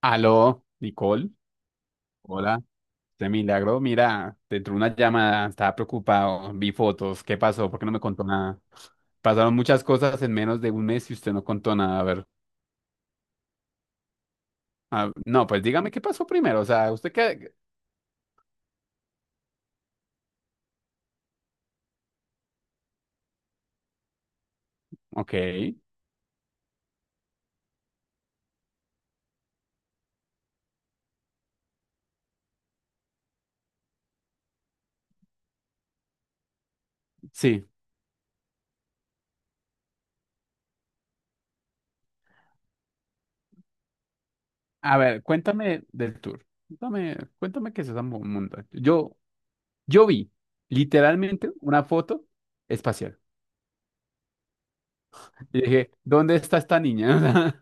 Aló, Nicole. Hola, de milagro. Mira, te entró una llamada, estaba preocupado, vi fotos. ¿Qué pasó? ¿Por qué no me contó nada? Pasaron muchas cosas en menos de un mes y usted no contó nada. A ver, ah, no, pues dígame qué pasó primero. O sea, usted qué. Ok, sí. A ver, cuéntame del tour. Cuéntame, cuéntame qué es esa montaña. Yo vi literalmente una foto espacial y dije, ¿dónde está esta niña?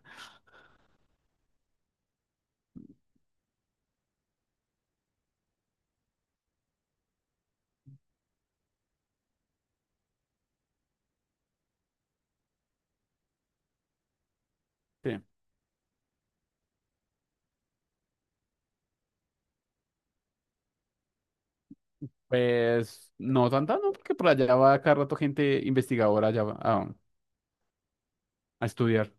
Sí. Pues no tanta, no, porque por allá va cada rato gente investigadora allá va a estudiar.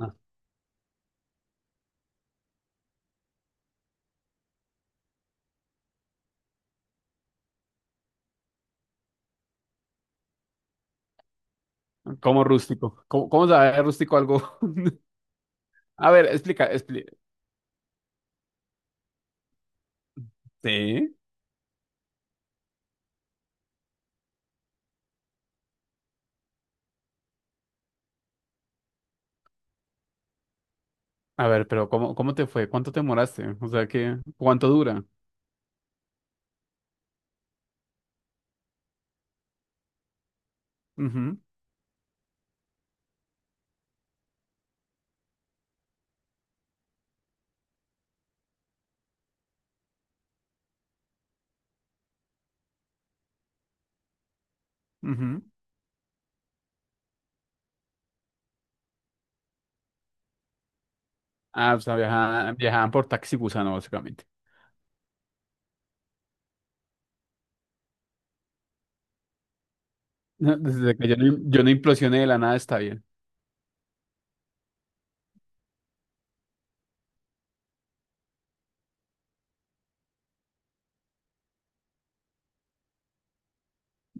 Ah, como rústico. ¿Cómo sabe rústico algo? A ver, explica, explica. Sí. A ver, pero ¿cómo te fue? ¿Cuánto te demoraste? O sea, qué, ¿cuánto dura? Ujú, ujú. Ah, o sea, viajaban, viajaban por taxi gusano, básicamente. Desde que yo no, yo no implosioné de la nada, está bien.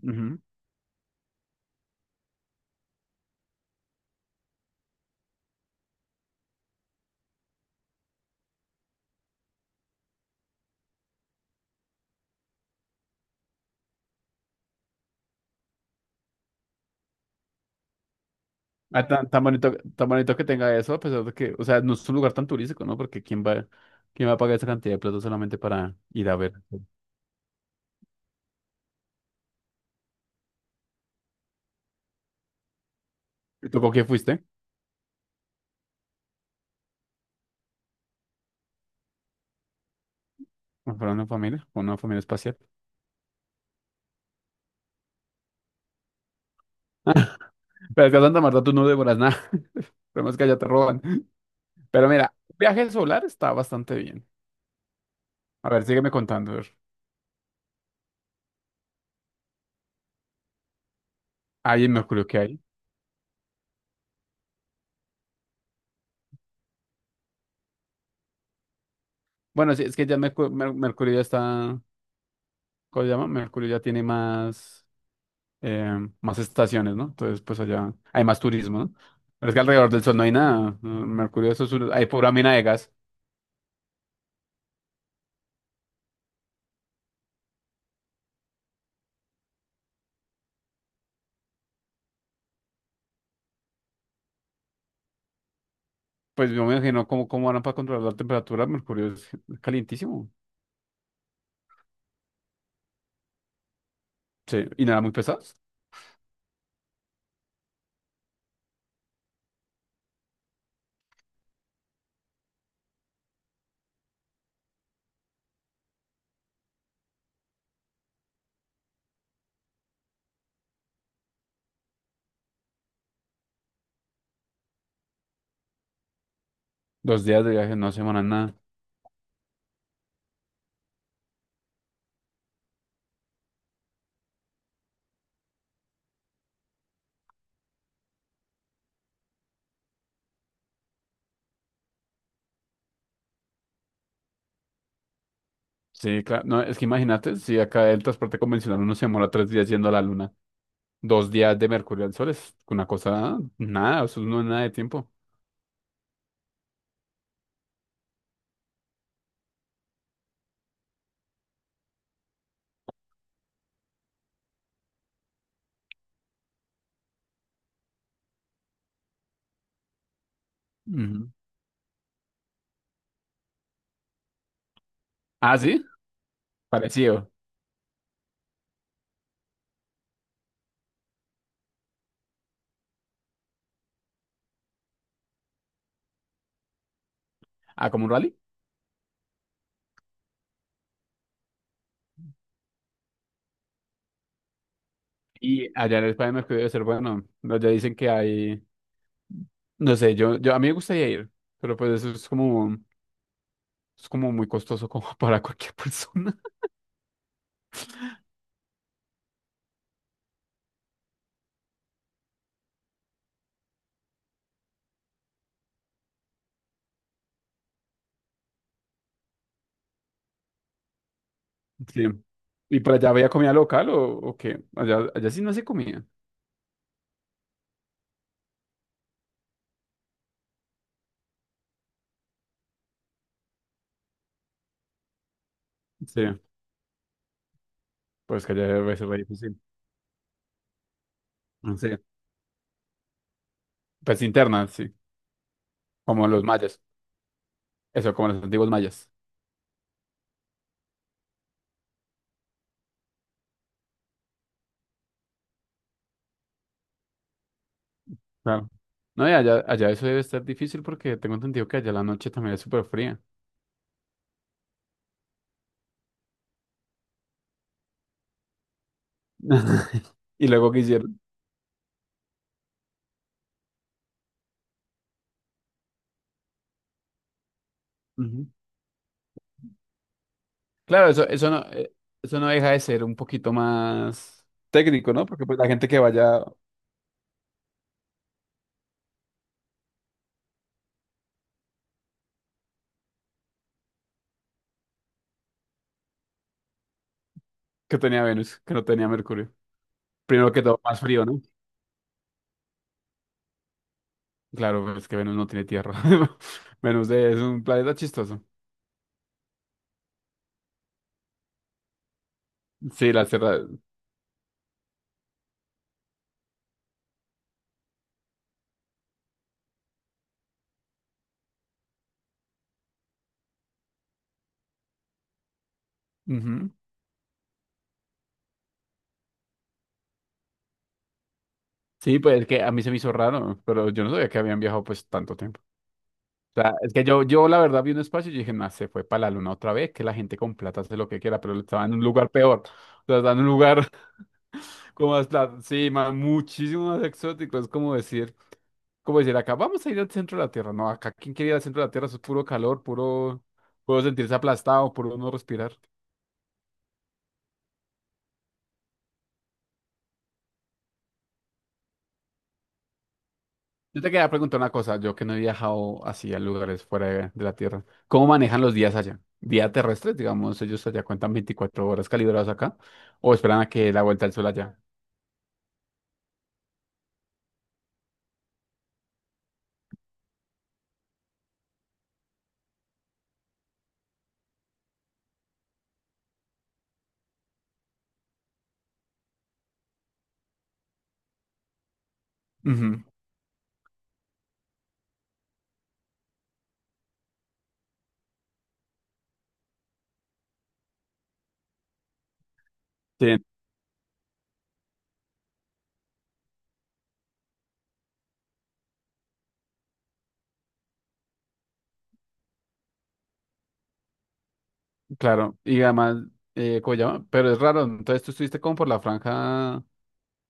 Ujú. Ah, tan, tan bonito que tenga eso, a pesar de que, o sea, no es un lugar tan turístico, ¿no? Porque quién va a pagar esa cantidad de plata solamente para ir a ver? ¿Y tú con quién fuiste? ¿Con una familia? ¿Con una familia espacial? Pero es que a Santa Marta tú no devoras nada. Pero es que allá te roban. Pero mira, viaje solar está bastante bien. A ver, sígueme contando. A ver. Ahí en Mercurio, ¿qué hay? Bueno, sí, es que ya Mercurio ya está, ¿cómo se llama? Mercurio ya tiene más, más estaciones, ¿no? Entonces, pues allá hay más turismo, ¿no? Pero es que alrededor del sol no hay nada, ¿no? Mercurio, eso es hay pura mina de gas. Pues yo me imagino cómo harán para controlar la temperatura. Mercurio es calientísimo. Sí, y nada, muy pesados. 2 días de viaje no se demoran nada. Sí, claro. No, es que imagínate, si acá el transporte convencional uno se demora 3 días yendo a la luna, 2 días de Mercurio al sol es una cosa, nada, eso no es nada de tiempo. Ujú. Ah, sí, parecido. Ah, como un rally. Y allá en España me es que debe ser bueno. Allá dicen que hay, no sé, yo a mí me gustaría ir, pero pues eso es como muy costoso como para cualquier persona. Sí. ¿Y para allá había comida local o qué? Allá, allá sí no se comía. Sí, pues que allá debe ser re difícil. Ah, sí. Pues interna, sí. Como los mayas. Eso, como los antiguos mayas. Claro. No, y allá, allá eso debe estar difícil porque tengo entendido que allá la noche también es súper fría. Y luego que hicieron. Claro, eso, eso no deja de ser un poquito más técnico, ¿no? Porque pues, la gente que vaya, que tenía Venus, que no tenía Mercurio. Primero que todo, más frío, ¿no? Claro, pues, es que Venus no tiene tierra. Venus es un planeta chistoso. Sí, la Tierra. Ujú. Sí, pues es que a mí se me hizo raro, pero yo no sabía que habían viajado pues tanto tiempo. O sea, es que yo la verdad vi un espacio y dije, no, se fue para la luna otra vez, que la gente con plata hace lo que quiera, pero estaba en un lugar peor. O sea, estaba en un lugar. Como hasta, sí, muchísimo más exótico. Es como decir, acá vamos a ir al centro de la Tierra. No, acá quien quiere ir al centro de la Tierra, eso es puro calor, puro, puedo sentirse aplastado, puro no respirar. Yo te quería preguntar una cosa, yo que no he viajado así a lugares fuera de la Tierra. ¿Cómo manejan los días allá? Día terrestres, digamos, ellos allá cuentan 24 horas calibradas acá, o esperan a que dé la vuelta al sol allá. Ujú, sí, claro. Y además, ¿cómo se llama? Pero es raro, entonces tú estuviste como por la franja.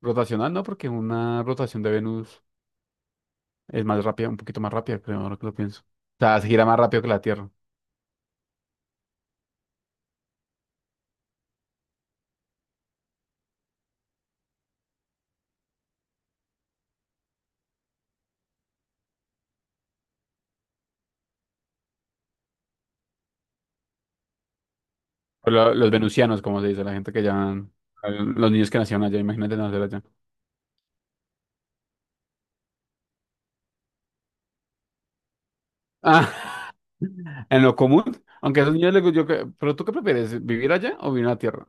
Rotacional no, porque una rotación de Venus es más rápida, un poquito más rápida, creo, ahora que lo pienso. O sea, se gira más rápido que la Tierra. Pero los venusianos, como se dice, la gente que ya... Los niños que nacieron allá, imagínate nacer allá. Ah, en lo común, aunque a esos niños les gu- yo que- ¿Pero tú qué prefieres, vivir allá o vivir en la Tierra?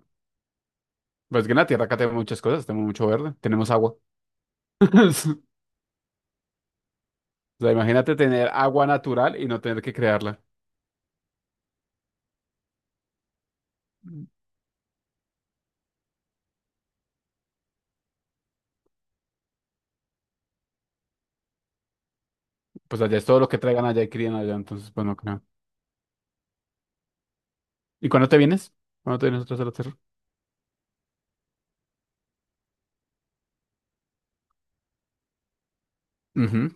Pues que en la Tierra acá tenemos muchas cosas, tenemos mucho verde, tenemos agua. O sea, imagínate tener agua natural y no tener que crearla. Pues allá es todo lo que traigan allá y crían allá, entonces, pues no creo. ¿Y cuándo te vienes? ¿Cuándo te vienes otra vez a la Tierra? Ujú.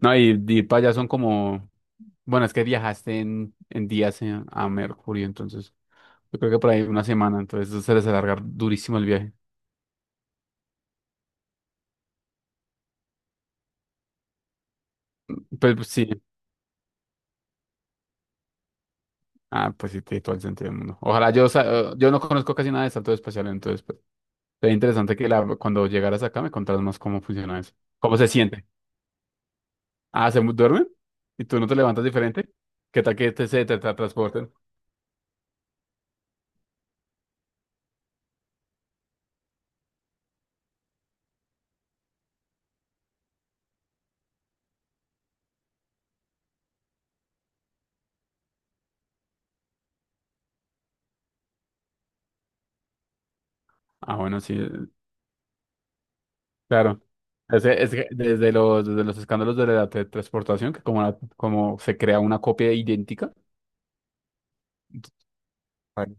No, y para allá son como, bueno, es que viajaste en, días a Mercurio, entonces yo creo que por ahí una semana, entonces eso se les alargar durísimo el viaje. Pues, pues, sí, ah, pues sí, tiene todo el sentido del mundo. Ojalá yo no conozco casi nada de salto espacial, entonces pues, sería interesante que la, cuando llegaras acá me contaras más cómo funciona eso. ¿Cómo se siente? Ah, ¿se duermen? ¿Y tú no te levantas diferente? ¿Qué tal que te transporten? Ah, bueno, sí, claro. Es que desde los, escándalos de la teletransportación, que como se crea una copia idéntica, vale,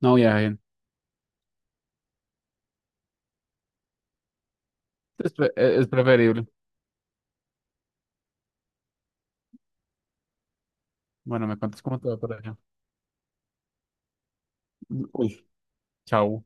no viajen. Es preferible. Bueno, me cuentas cómo te va por allá. Uy, chao.